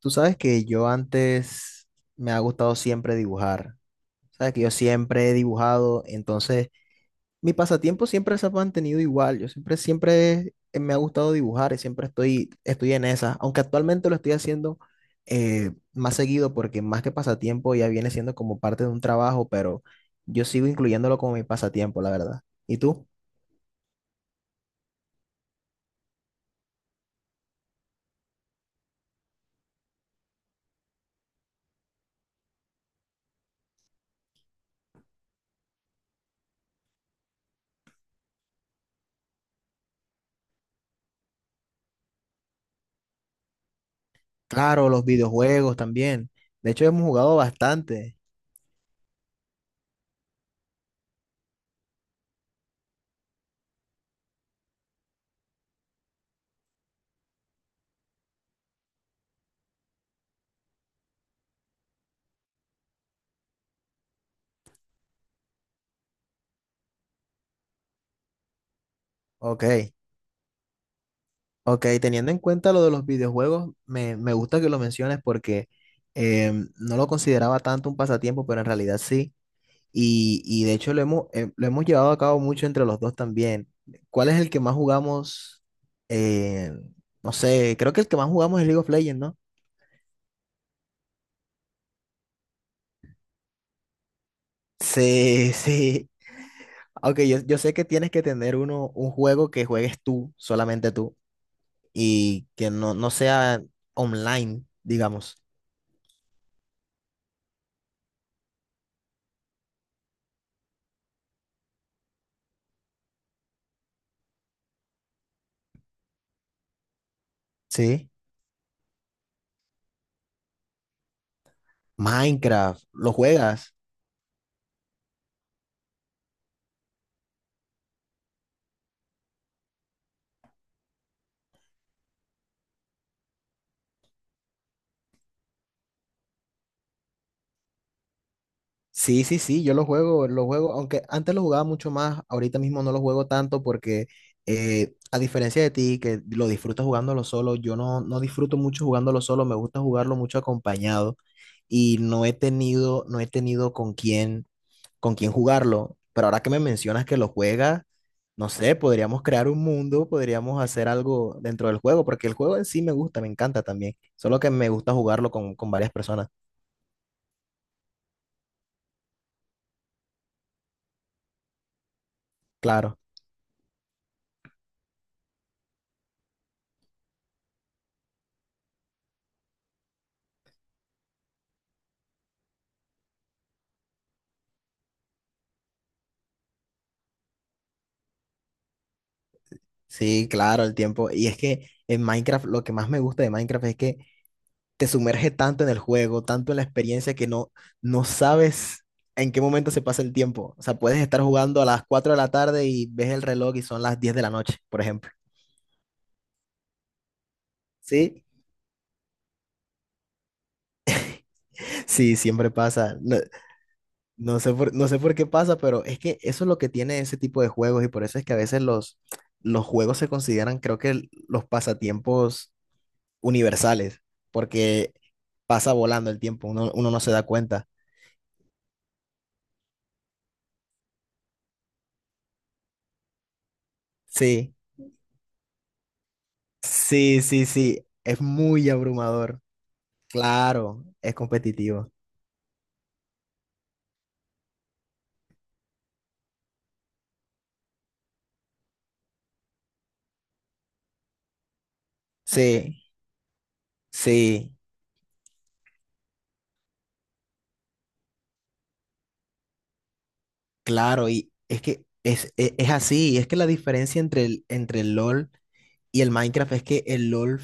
Tú sabes que yo antes me ha gustado siempre dibujar. Sabes que yo siempre he dibujado, entonces mi pasatiempo siempre se ha mantenido igual. Yo siempre, me ha gustado dibujar y siempre estoy en esa. Aunque actualmente lo estoy haciendo más seguido porque más que pasatiempo ya viene siendo como parte de un trabajo, pero yo sigo incluyéndolo como mi pasatiempo, la verdad. ¿Y tú? Claro, los videojuegos también. De hecho, hemos jugado bastante. Ok. Ok, teniendo en cuenta lo de los videojuegos, me gusta que lo menciones porque no lo consideraba tanto un pasatiempo, pero en realidad sí. Y de hecho lo lo hemos llevado a cabo mucho entre los dos también. ¿Cuál es el que más jugamos? Eh, no sé, creo que el que más jugamos es League of Legends, ¿no? Sí, sí. Aunque yo sé que tienes que tener uno, un juego que juegues tú, solamente tú, y que no sea online, digamos. Sí. Minecraft, ¿lo juegas? Sí, sí, sí, yo lo juego, aunque antes lo jugaba mucho más, ahorita mismo no lo juego tanto porque a diferencia de ti, que lo disfrutas jugándolo solo, yo no disfruto mucho jugándolo solo, me gusta jugarlo mucho acompañado y no he tenido con con quién jugarlo, pero ahora que me mencionas que lo juegas, no sé, podríamos crear un mundo, podríamos hacer algo dentro del juego, porque el juego en sí me gusta, me encanta también, solo que me gusta jugarlo con varias personas, claro. Sí, claro, el tiempo. Y es que en Minecraft lo que más me gusta de Minecraft es que te sumerge tanto en el juego, tanto en la experiencia que no sabes en qué momento se pasa el tiempo. O sea, puedes estar jugando a las 4 de la tarde y ves el reloj y son las 10 de la noche, por ejemplo. Sí, sí, siempre pasa. No sé por qué pasa, pero es que eso es lo que tiene ese tipo de juegos y por eso es que a veces los juegos se consideran, creo que los pasatiempos universales, porque pasa volando el tiempo, uno no se da cuenta. Sí, sí, sí, sí, es muy abrumador, claro, es competitivo. Sí, sí, claro, y es que es así, y es que la diferencia entre entre el LOL y el Minecraft es que el LOL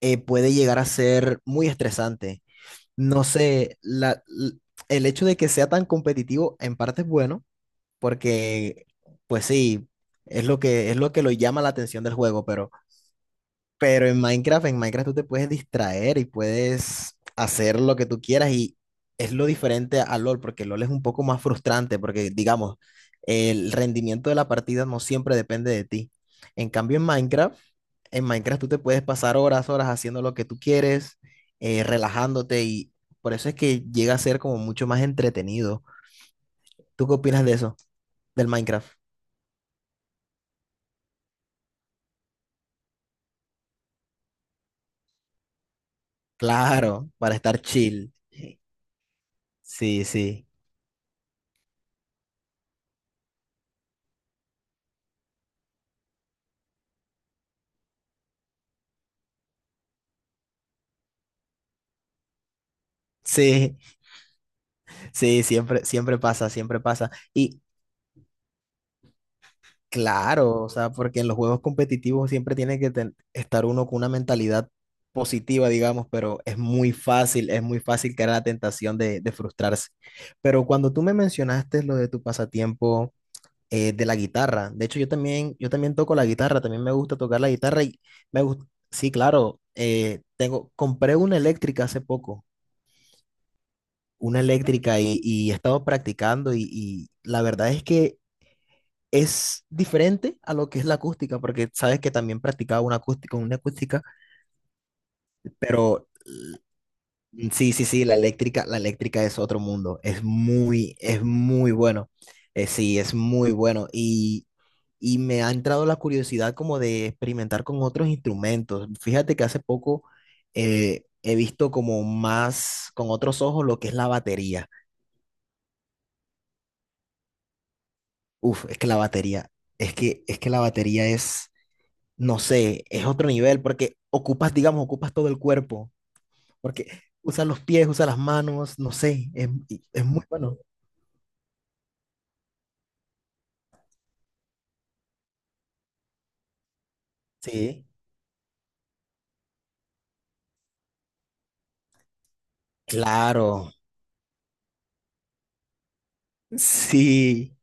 puede llegar a ser muy estresante. No sé, el hecho de que sea tan competitivo en parte es bueno porque, pues sí, es lo que lo llama la atención del juego, pero en Minecraft tú te puedes distraer y puedes hacer lo que tú quieras y es lo diferente a LOL, porque LOL es un poco más frustrante, porque digamos, el rendimiento de la partida no siempre depende de ti. En cambio, en Minecraft tú te puedes pasar horas, horas haciendo lo que tú quieres, relajándote y por eso es que llega a ser como mucho más entretenido. ¿Tú qué opinas de eso, del Minecraft? Claro, para estar chill. Sí, sí, sí, sí, siempre, siempre pasa, siempre pasa. Y claro, o sea, porque en los juegos competitivos siempre tiene que estar uno con una mentalidad positiva, digamos, pero es muy fácil caer en la tentación de frustrarse. Pero cuando tú me mencionaste lo de tu pasatiempo de la guitarra, de hecho yo también toco la guitarra, también me gusta tocar la guitarra y me gusta, sí, claro, compré una eléctrica hace poco. Una eléctrica y he estado practicando y la verdad es que es diferente a lo que es la acústica, porque sabes que también practicaba una acústica, pero l- sí, sí, sí, la eléctrica es otro mundo, es muy bueno. Sí, es muy bueno y me ha entrado la curiosidad como de experimentar con otros instrumentos. Fíjate que hace poco he visto como más con otros ojos lo que es la batería. Uf, es que la batería, es que la batería es, no sé, es otro nivel porque ocupas, digamos, ocupas todo el cuerpo, porque usas los pies, usas las manos, no sé, es muy bueno. Sí, claro, sí,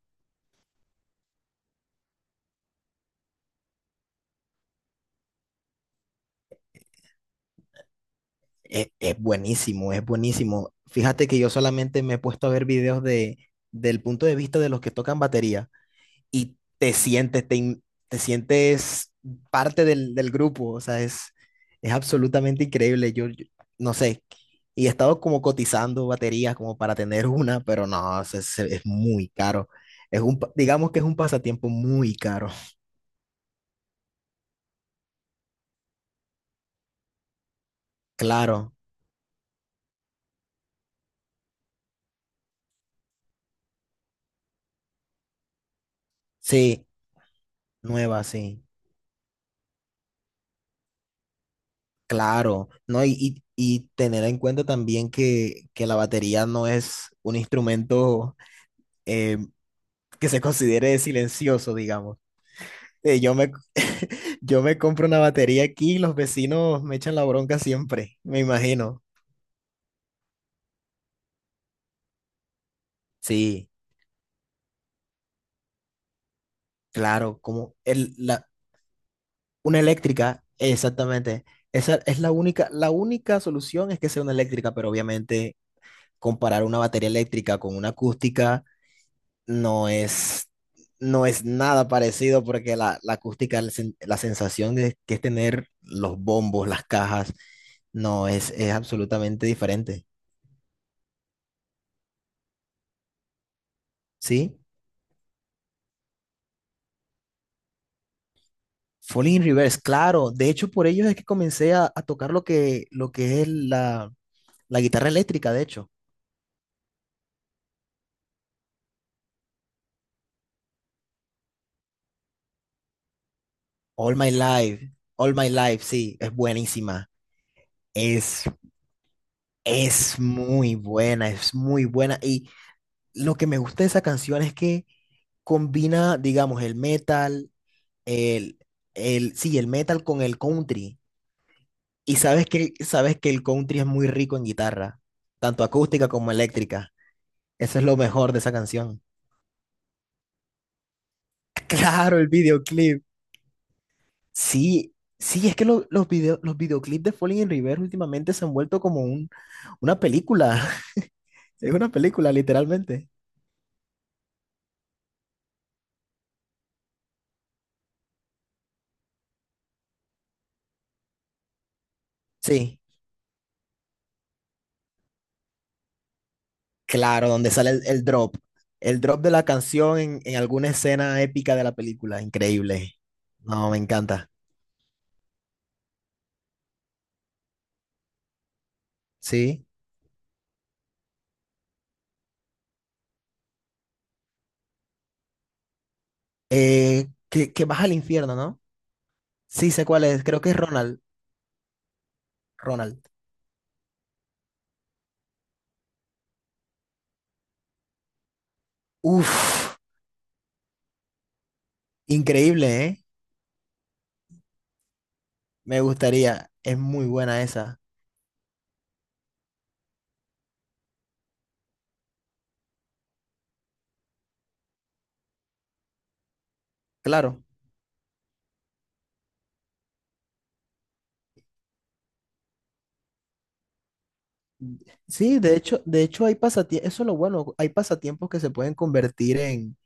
es buenísimo, es buenísimo. Fíjate que yo solamente me he puesto a ver videos del punto de vista de los que tocan batería. Y te sientes, te sientes parte del grupo, o sea, es absolutamente increíble, yo no sé, y he estado como cotizando baterías como para tener una, pero no, es muy caro, digamos que es un pasatiempo muy caro, claro, sí, nueva, sí, claro, ¿no? Y tener en cuenta también que la batería no es un instrumento eh, que se considere silencioso, digamos. Yo me, yo me compro una batería aquí y los vecinos me echan la bronca siempre, me imagino. Sí, claro, como una eléctrica, exactamente. Esa es la única solución es que sea una eléctrica, pero obviamente comparar una batería eléctrica con una acústica no es, no es nada parecido porque la acústica, la sensación de, que es tener los bombos, las cajas, no es, es absolutamente diferente. ¿Sí? Falling in Reverse, claro. De hecho, por ellos es que comencé a tocar lo que es la guitarra eléctrica, de hecho. All My Life, All My Life, sí, es buenísima. Es, es muy buena, es muy buena. Y lo que me gusta de esa canción es que combina, digamos, el metal, el, sí, el metal con el country. Y sabes que el country es muy rico en guitarra, tanto acústica como eléctrica. Eso es lo mejor de esa canción. Claro, el videoclip. Sí, sí, es que los videoclips de Falling in Reverse últimamente se han vuelto como un, una película. Es una película, literalmente. Sí, claro, donde sale el drop. El drop de la canción en alguna escena épica de la película. Increíble. No, me encanta. Sí. Que baja al infierno, ¿no? Sí, sé cuál es. Creo que es Ronald. Ronald. Uf, increíble, ¿eh? Me gustaría. Es muy buena esa. Claro. Sí, de hecho hay pasatiempos, eso es lo bueno, hay pasatiempos que se pueden convertir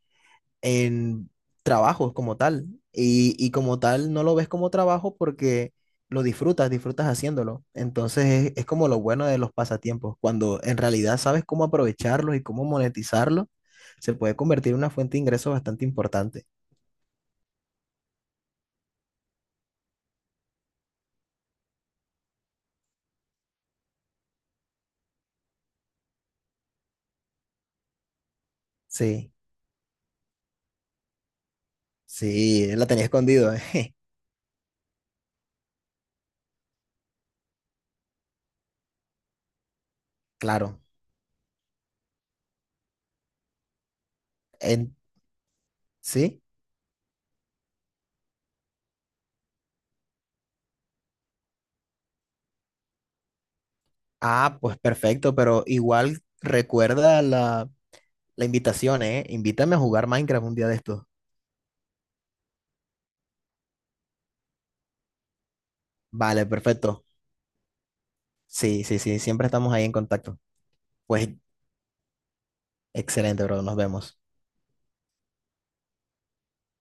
en trabajos como tal. Y como tal no lo ves como trabajo porque lo disfrutas, disfrutas haciéndolo. Entonces es como lo bueno de los pasatiempos. Cuando en realidad sabes cómo aprovecharlos y cómo monetizarlos, se puede convertir en una fuente de ingresos bastante importante. Sí, sí, la tenía escondido, claro. En, sí. Ah, pues perfecto, pero igual recuerda la invitación, ¿eh? Invítame a jugar Minecraft un día de estos. Vale, perfecto. Sí, sí, sí, siempre estamos ahí en contacto. Pues excelente, bro, nos vemos.